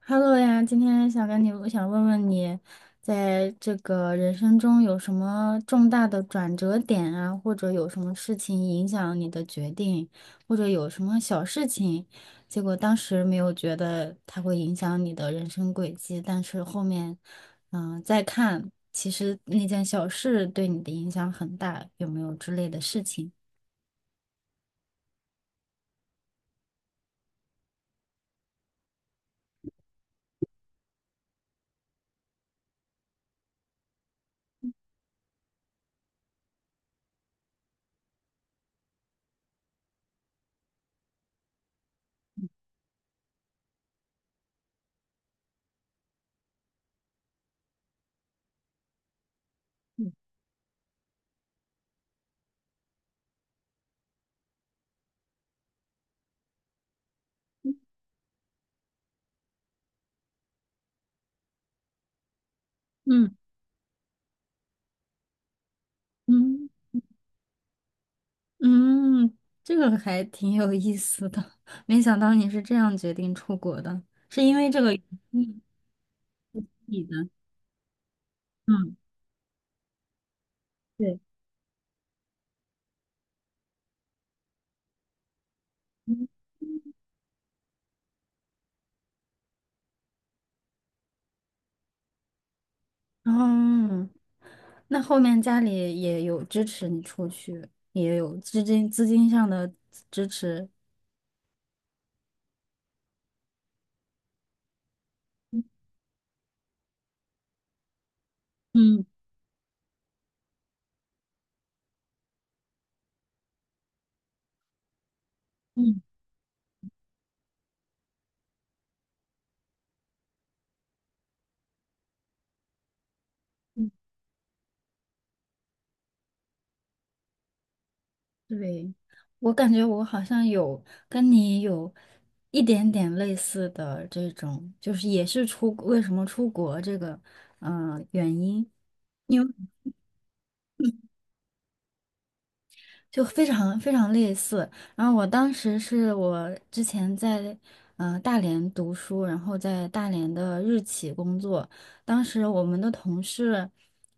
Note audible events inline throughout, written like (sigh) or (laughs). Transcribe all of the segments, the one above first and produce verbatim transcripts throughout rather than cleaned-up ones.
Hello 呀，今天想跟你，我想问问你，在这个人生中有什么重大的转折点啊，或者有什么事情影响你的决定，或者有什么小事情，结果当时没有觉得它会影响你的人生轨迹，但是后面，嗯、再看，其实那件小事对你的影响很大，有没有之类的事情？嗯嗯嗯，嗯，这个还挺有意思的，没想到你是这样决定出国的，是因为这个原因你的，嗯，对，嗯，后那后面家里也有支持你出去，也有资金资金上的支持，嗯嗯嗯，对，我感觉我好像有跟你有一点点类似的这种，就是也是出，为什么出国这个，嗯、原因。就非常非常类似。然后我当时是我之前在嗯、呃大连读书，然后在大连的日企工作。当时我们的同事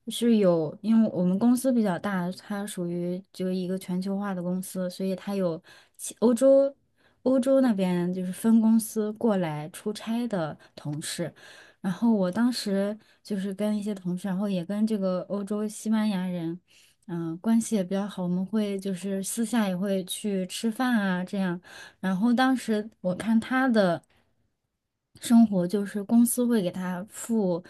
是有，因为我们公司比较大，它属于就一个全球化的公司，所以它有其欧洲欧洲那边就是分公司过来出差的同事。然后我当时就是跟一些同事，然后也跟这个欧洲西班牙人。嗯、关系也比较好，我们会就是私下也会去吃饭啊，这样。然后当时我看他的生活，就是公司会给他付，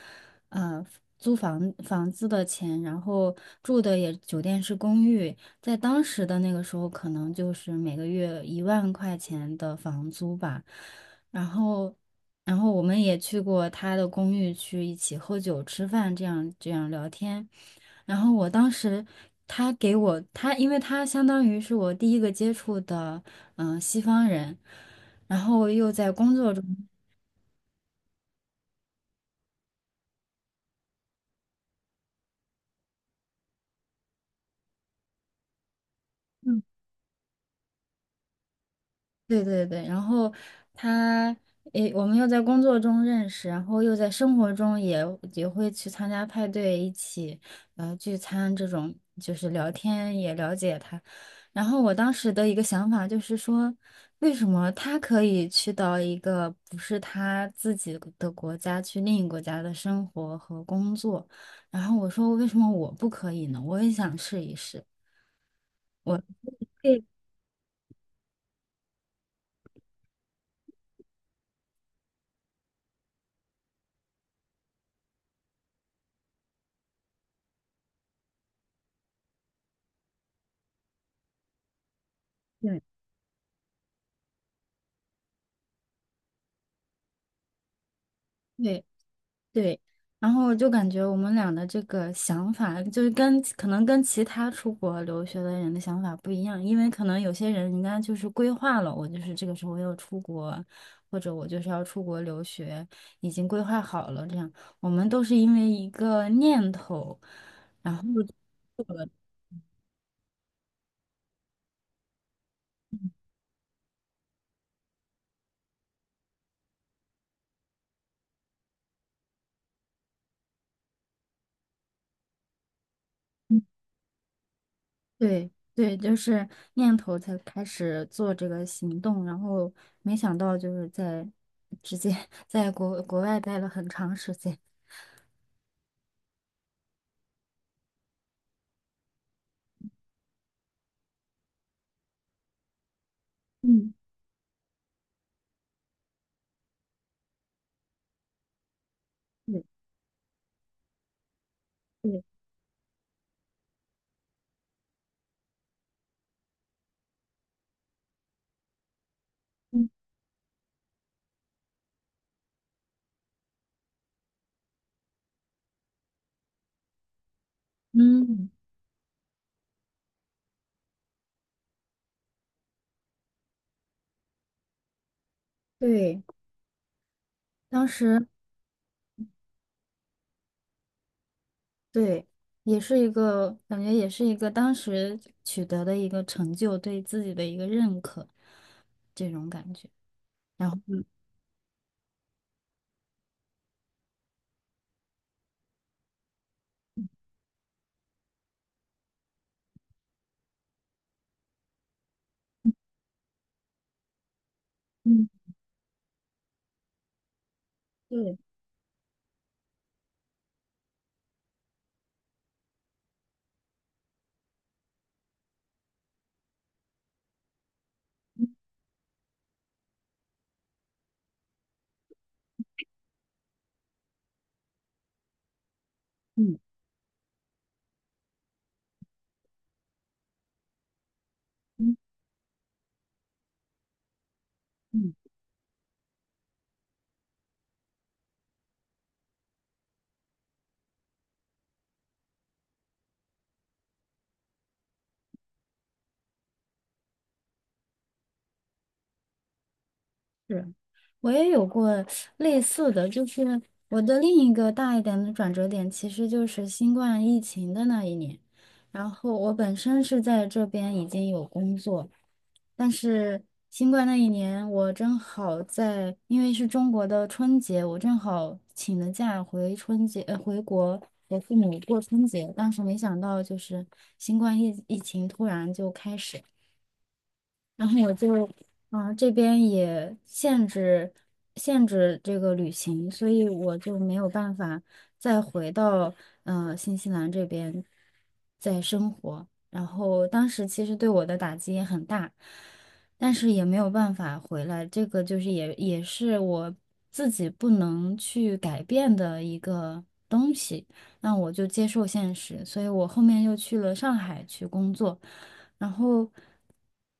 呃，租房房子的钱，然后住的也酒店是公寓，在当时的那个时候，可能就是每个月一万块钱的房租吧。然后，然后我们也去过他的公寓去一起喝酒、吃饭，这样这样聊天。然后我当时他给我他，因为他相当于是我第一个接触的嗯、呃西方人，然后又在工作中。对对对，然后他，诶，我们又在工作中认识，然后又在生活中也也会去参加派对，一起呃聚餐这种，就是聊天也了解他。然后我当时的一个想法就是说，为什么他可以去到一个不是他自己的国家，去另一个国家的生活和工作？然后我说，为什么我不可以呢？我也想试一试。对，对对，对，然后就感觉我们俩的这个想法，就是跟可能跟其他出国留学的人的想法不一样，因为可能有些人人家就是规划了，我就是这个时候要出国，或者我就是要出国留学，已经规划好了这样。我们都是因为一个念头，嗯对对，就是念头才开始做这个行动，然后没想到就是在直接 (laughs) 在国国外待了很长时间。嗯，对对。嗯，对，当时对，也是一个感觉，也是一个当时取得的一个成就，对自己的一个认可，这种感觉。然后，嗯，嗯对，嗯嗯嗯，是，我也有过类似的，就是我的另一个大一点的转折点，其实就是新冠疫情的那一年。然后我本身是在这边已经有工作。但是新冠那一年，我正好在，因为是中国的春节，我正好请了假回春节，呃，回国给父母过春节。但是没想到，就是新冠疫疫情突然就开始。然后我就，嗯、这边也限制限制这个旅行，所以我就没有办法再回到呃新西兰这边再生活。然后当时其实对我的打击也很大，但是也没有办法回来。这个就是也也是我自己不能去改变的一个。东西。那我就接受现实，所以我后面又去了上海去工作，然后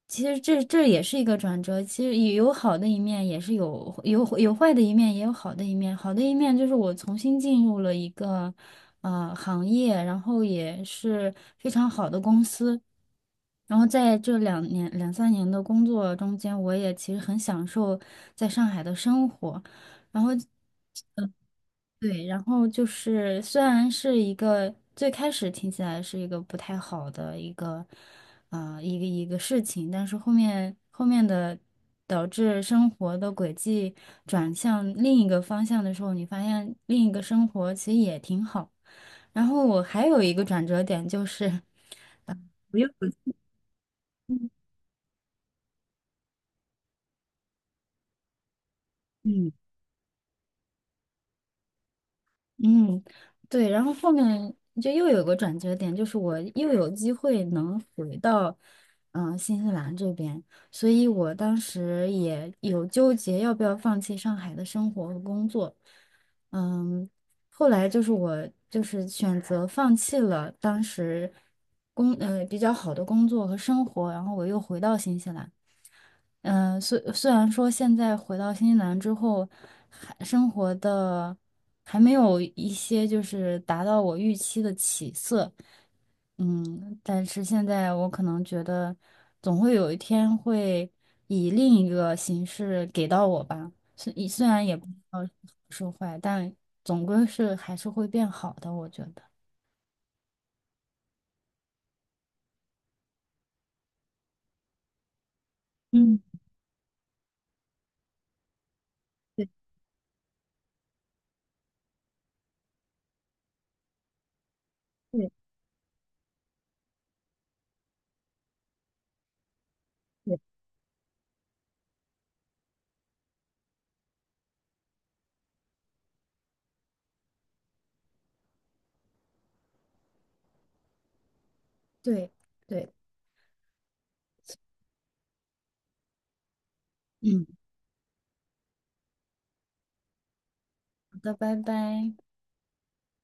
其实这这也是一个转折，其实也有好的一面，也是有有有坏的一面，也有好的一面。好的一面就是我重新进入了一个呃行业，然后也是非常好的公司。然后在这两年两三年的工作中间，我也其实很享受在上海的生活。对，然后就是虽然是一个最开始听起来是一个不太好的一个，呃，一个一个事情，但是后面后面的导致生活的轨迹转向另一个方向的时候，你发现另一个生活其实也挺好。然后我还有一个转折点就是 (laughs)，不嗯。嗯，对，然后后面就又有个转折点，就是我又有机会能回到，嗯、新西兰这边，所以我当时也有纠结要不要放弃上海的生活和工作，嗯，后来就是我就是选择放弃了当时工呃比较好的工作和生活，然后我又回到新西兰。嗯，呃虽虽然说现在回到新西兰之后，还生活的还没有一些就是达到我预期的起色，嗯，但是现在我可能觉得总会有一天会以另一个形式给到我吧，虽虽然也不知道是好是坏，但总归是还是会变好的，我觉得。嗯，对，对对，嗯，好的，拜拜。